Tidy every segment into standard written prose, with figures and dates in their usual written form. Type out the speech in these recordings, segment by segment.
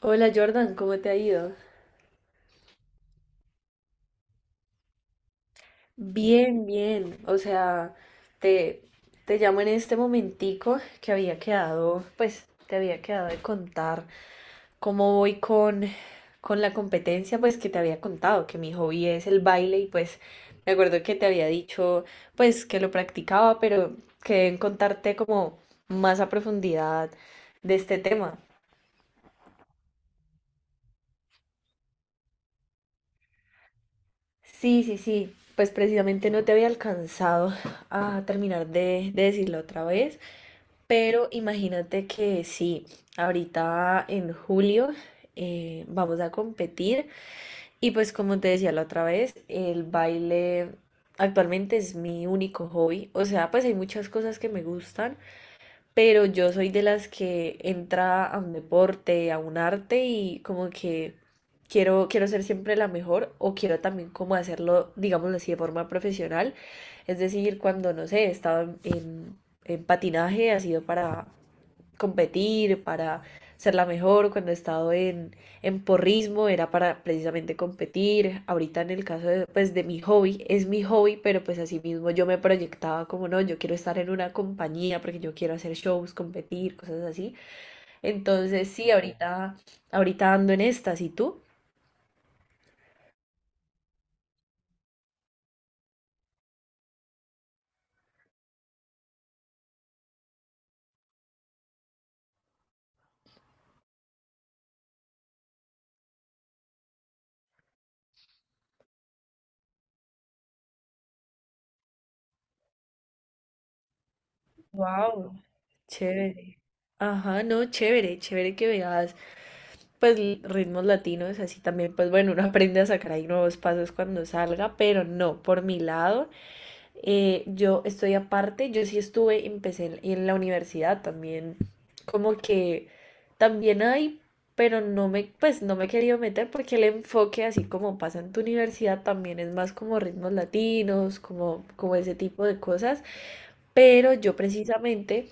Hola Jordan, ¿cómo te ha ido? Bien, bien. O sea, te, te llamo en este momentico que había quedado, pues te había quedado de contar cómo voy con la competencia, pues que te había contado, que mi hobby es el baile y pues me acuerdo que te había dicho, pues que lo practicaba, pero quedé en contarte como más a profundidad de este tema. Sí, sí, sí. Pues precisamente no te había alcanzado a terminar de decirlo otra vez. Pero imagínate que sí, ahorita en julio vamos a competir y pues como te decía la otra vez, el baile actualmente es mi único hobby. O sea, pues hay muchas cosas que me gustan, pero yo soy de las que entra a un deporte, a un arte y como que quiero ser siempre la mejor o quiero también como hacerlo, digámoslo así, de forma profesional. Es decir, cuando, no sé, he estado en patinaje, ha sido para competir, para ser la mejor. Cuando he estado en porrismo era para precisamente competir. Ahorita en el caso de, pues, de mi hobby, es mi hobby, pero pues así mismo yo me proyectaba como no, yo quiero estar en una compañía porque yo quiero hacer shows, competir, cosas así. Entonces sí, ahorita ando en estas. ¿Y tú? Wow, chévere. Ajá, no, chévere, chévere que veas pues ritmos latinos, así también, pues bueno, uno aprende a sacar ahí nuevos pasos cuando salga, pero no, por mi lado, yo estoy aparte, yo sí estuve, empecé en la universidad también, como que también hay, pero no me, pues no me he querido meter porque el enfoque, así como pasa en tu universidad, también es más como ritmos latinos, como, como ese tipo de cosas, pero yo precisamente...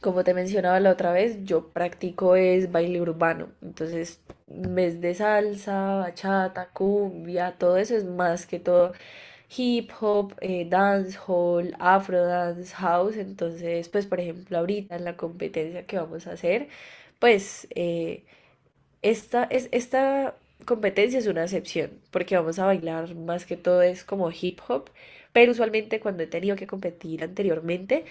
Como te mencionaba la otra vez, yo practico es baile urbano. Entonces, en vez de salsa, bachata, cumbia, todo eso es más que todo hip hop, dancehall, afro dance, house. Entonces, pues por ejemplo, ahorita en la competencia que vamos a hacer, pues eh, esta competencia es una excepción, porque vamos a bailar más que todo es como hip hop, pero usualmente cuando he tenido que competir anteriormente,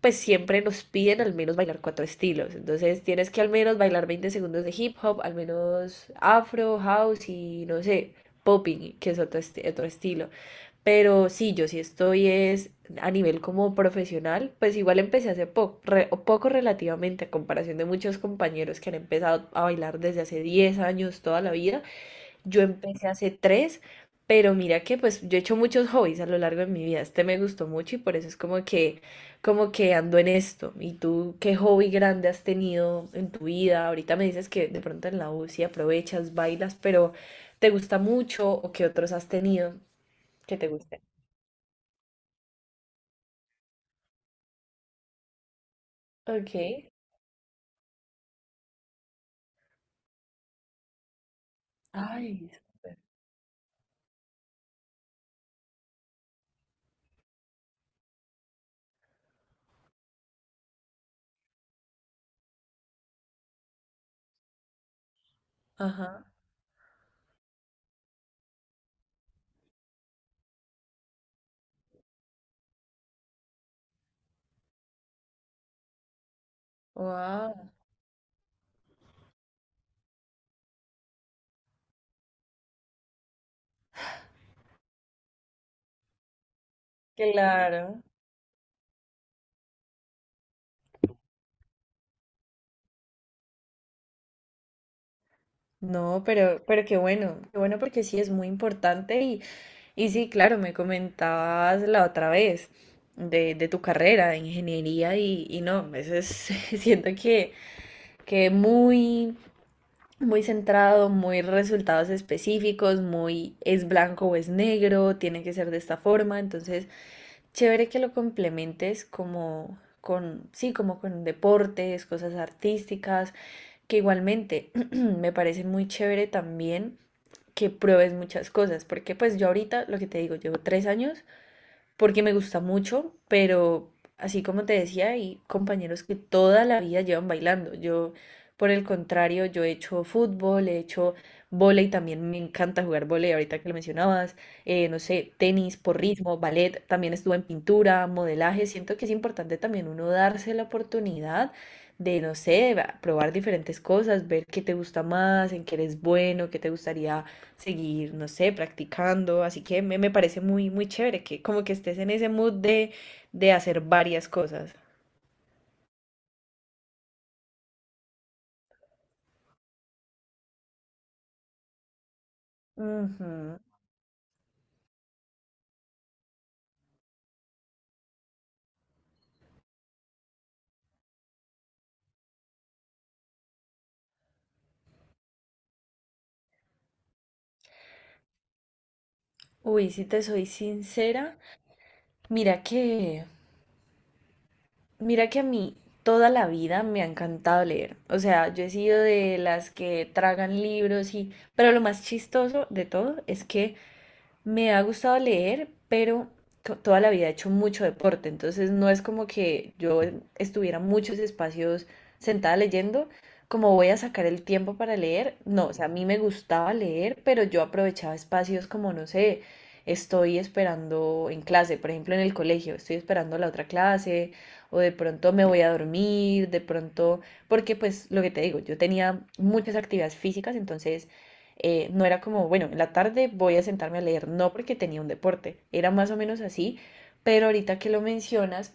pues siempre nos piden al menos bailar cuatro estilos. Entonces tienes que al menos bailar 20 segundos de hip hop, al menos afro, house y no sé, popping, que es otro estilo. Pero sí, yo sí estoy es a nivel como profesional, pues igual empecé hace poco relativamente a comparación de muchos compañeros que han empezado a bailar desde hace 10 años, toda la vida. Yo empecé hace 3, pero mira que pues yo he hecho muchos hobbies a lo largo de mi vida. Este me gustó mucho y por eso es como que ando en esto. ¿Y tú qué hobby grande has tenido en tu vida? Ahorita me dices que de pronto en la U sí aprovechas, bailas, pero ¿te gusta mucho o qué otros has tenido que te gusten? Ok. Ay, súper. Ajá. Wow. Claro. No, pero qué bueno porque sí es muy importante y sí, claro, me comentabas la otra vez de tu carrera de ingeniería y no, a veces siento que muy, muy centrado, muy resultados específicos, muy es blanco o es negro, tiene que ser de esta forma, entonces chévere que lo complementes como con, sí, como con deportes, cosas artísticas, que igualmente me parece muy chévere también que pruebes muchas cosas, porque pues yo ahorita, lo que te digo, llevo 3 años porque me gusta mucho, pero así como te decía, hay compañeros que toda la vida llevan bailando. Yo, por el contrario, yo he hecho fútbol, he hecho vóley, también me encanta jugar vóley, ahorita que lo mencionabas, no sé, tenis, porrismo, ballet, también estuve en pintura, modelaje. Siento que es importante también uno darse la oportunidad de, no sé, probar diferentes cosas, ver qué te gusta más, en qué eres bueno, qué te gustaría seguir, no sé, practicando. Así que me parece muy, muy chévere que como que estés en ese mood de hacer varias cosas. Ujú. Uy, si te soy sincera, mira que, mira que a mí toda la vida me ha encantado leer. O sea, yo he sido de las que tragan libros y, pero lo más chistoso de todo es que me ha gustado leer, pero toda la vida he hecho mucho deporte, entonces no es como que yo estuviera muchos espacios sentada leyendo, como voy a sacar el tiempo para leer, no, o sea, a mí me gustaba leer, pero yo aprovechaba espacios como, no sé, estoy esperando en clase, por ejemplo, en el colegio, estoy esperando la otra clase, o de pronto me voy a dormir, de pronto, porque pues lo que te digo, yo tenía muchas actividades físicas, entonces no era como, bueno, en la tarde voy a sentarme a leer, no porque tenía un deporte, era más o menos así, pero ahorita que lo mencionas,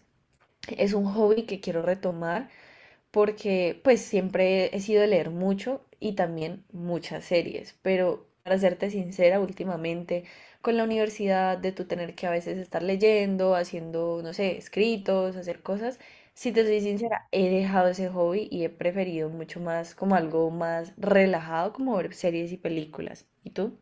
es un hobby que quiero retomar porque pues siempre he sido de leer mucho y también muchas series, pero para serte sincera, últimamente con la universidad de tú tener que a veces estar leyendo, haciendo, no sé, escritos, hacer cosas, si te soy sincera, he dejado ese hobby y he preferido mucho más como algo más relajado, como ver series y películas. ¿Y tú?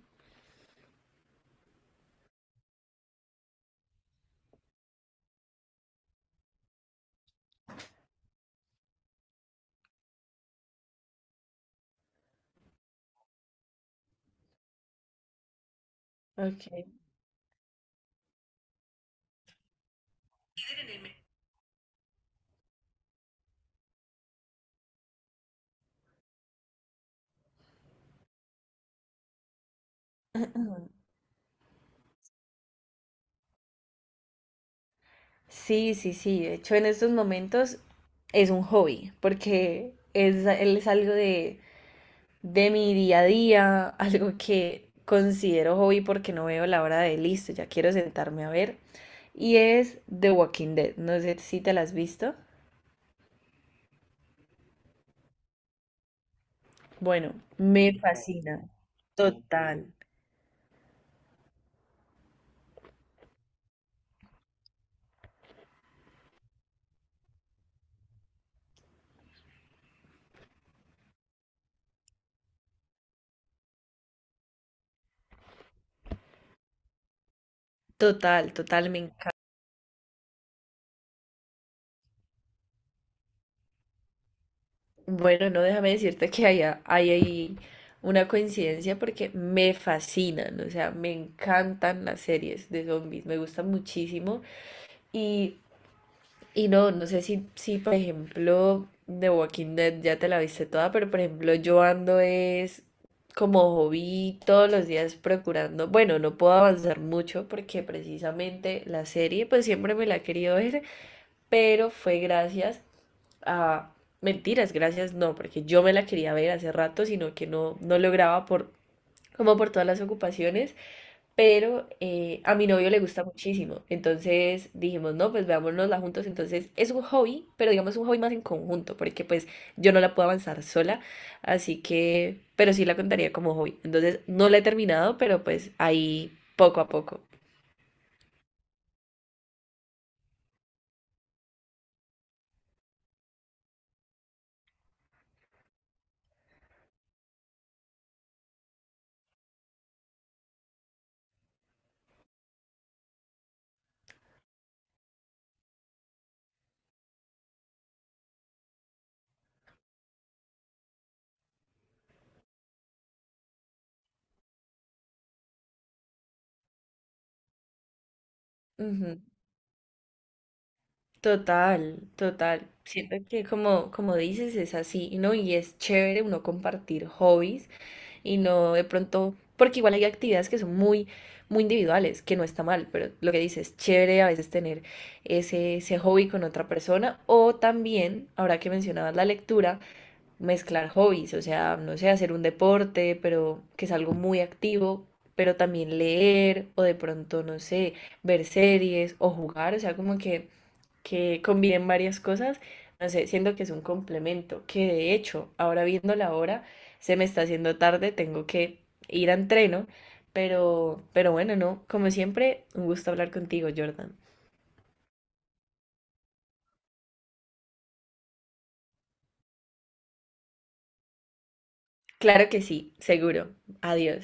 Okay. Sí, sí, sí. De hecho, en estos momentos es un hobby, porque es algo de mi día a día, algo que considero hobby porque no veo la hora de listo, ya quiero sentarme a ver, y es The Walking Dead. No sé si te la has visto. Bueno, me fascina. Total, total, total, me encanta. Bueno, no déjame decirte que hay ahí una coincidencia porque me fascinan, o sea, me encantan las series de zombies, me gustan muchísimo. Y y no, no sé si, si por ejemplo, The Walking Dead ya te la viste toda, pero por ejemplo, yo ando es como hobby todos los días procurando. Bueno, no puedo avanzar mucho porque precisamente la serie, pues siempre me la he querido ver, pero fue gracias a. Mentiras, gracias, no, porque yo me la quería ver hace rato, sino que no, no lograba por, como por todas las ocupaciones. Pero a mi novio le gusta muchísimo. Entonces dijimos, no, pues veámonosla juntos. Entonces es un hobby, pero digamos un hobby más en conjunto, porque pues yo no la puedo avanzar sola. Así que, pero sí la contaría como hobby. Entonces no la he terminado, pero pues ahí poco a poco. Ujú. Total, total. Siento que como, como dices, es así, ¿no? Y es chévere uno compartir hobbies y no de pronto, porque igual hay actividades que son muy, muy individuales, que no está mal, pero lo que dices, chévere a veces tener ese hobby con otra persona o también, ahora que mencionabas la lectura, mezclar hobbies, o sea, no sé, hacer un deporte, pero que es algo muy activo, pero también leer o de pronto, no sé, ver series o jugar, o sea, como que combinen varias cosas, no sé, siento que es un complemento, que de hecho, ahora viendo la hora, se me está haciendo tarde, tengo que ir a entreno, pero bueno, no, como siempre, un gusto hablar contigo, Jordan. Claro que sí, seguro. Adiós.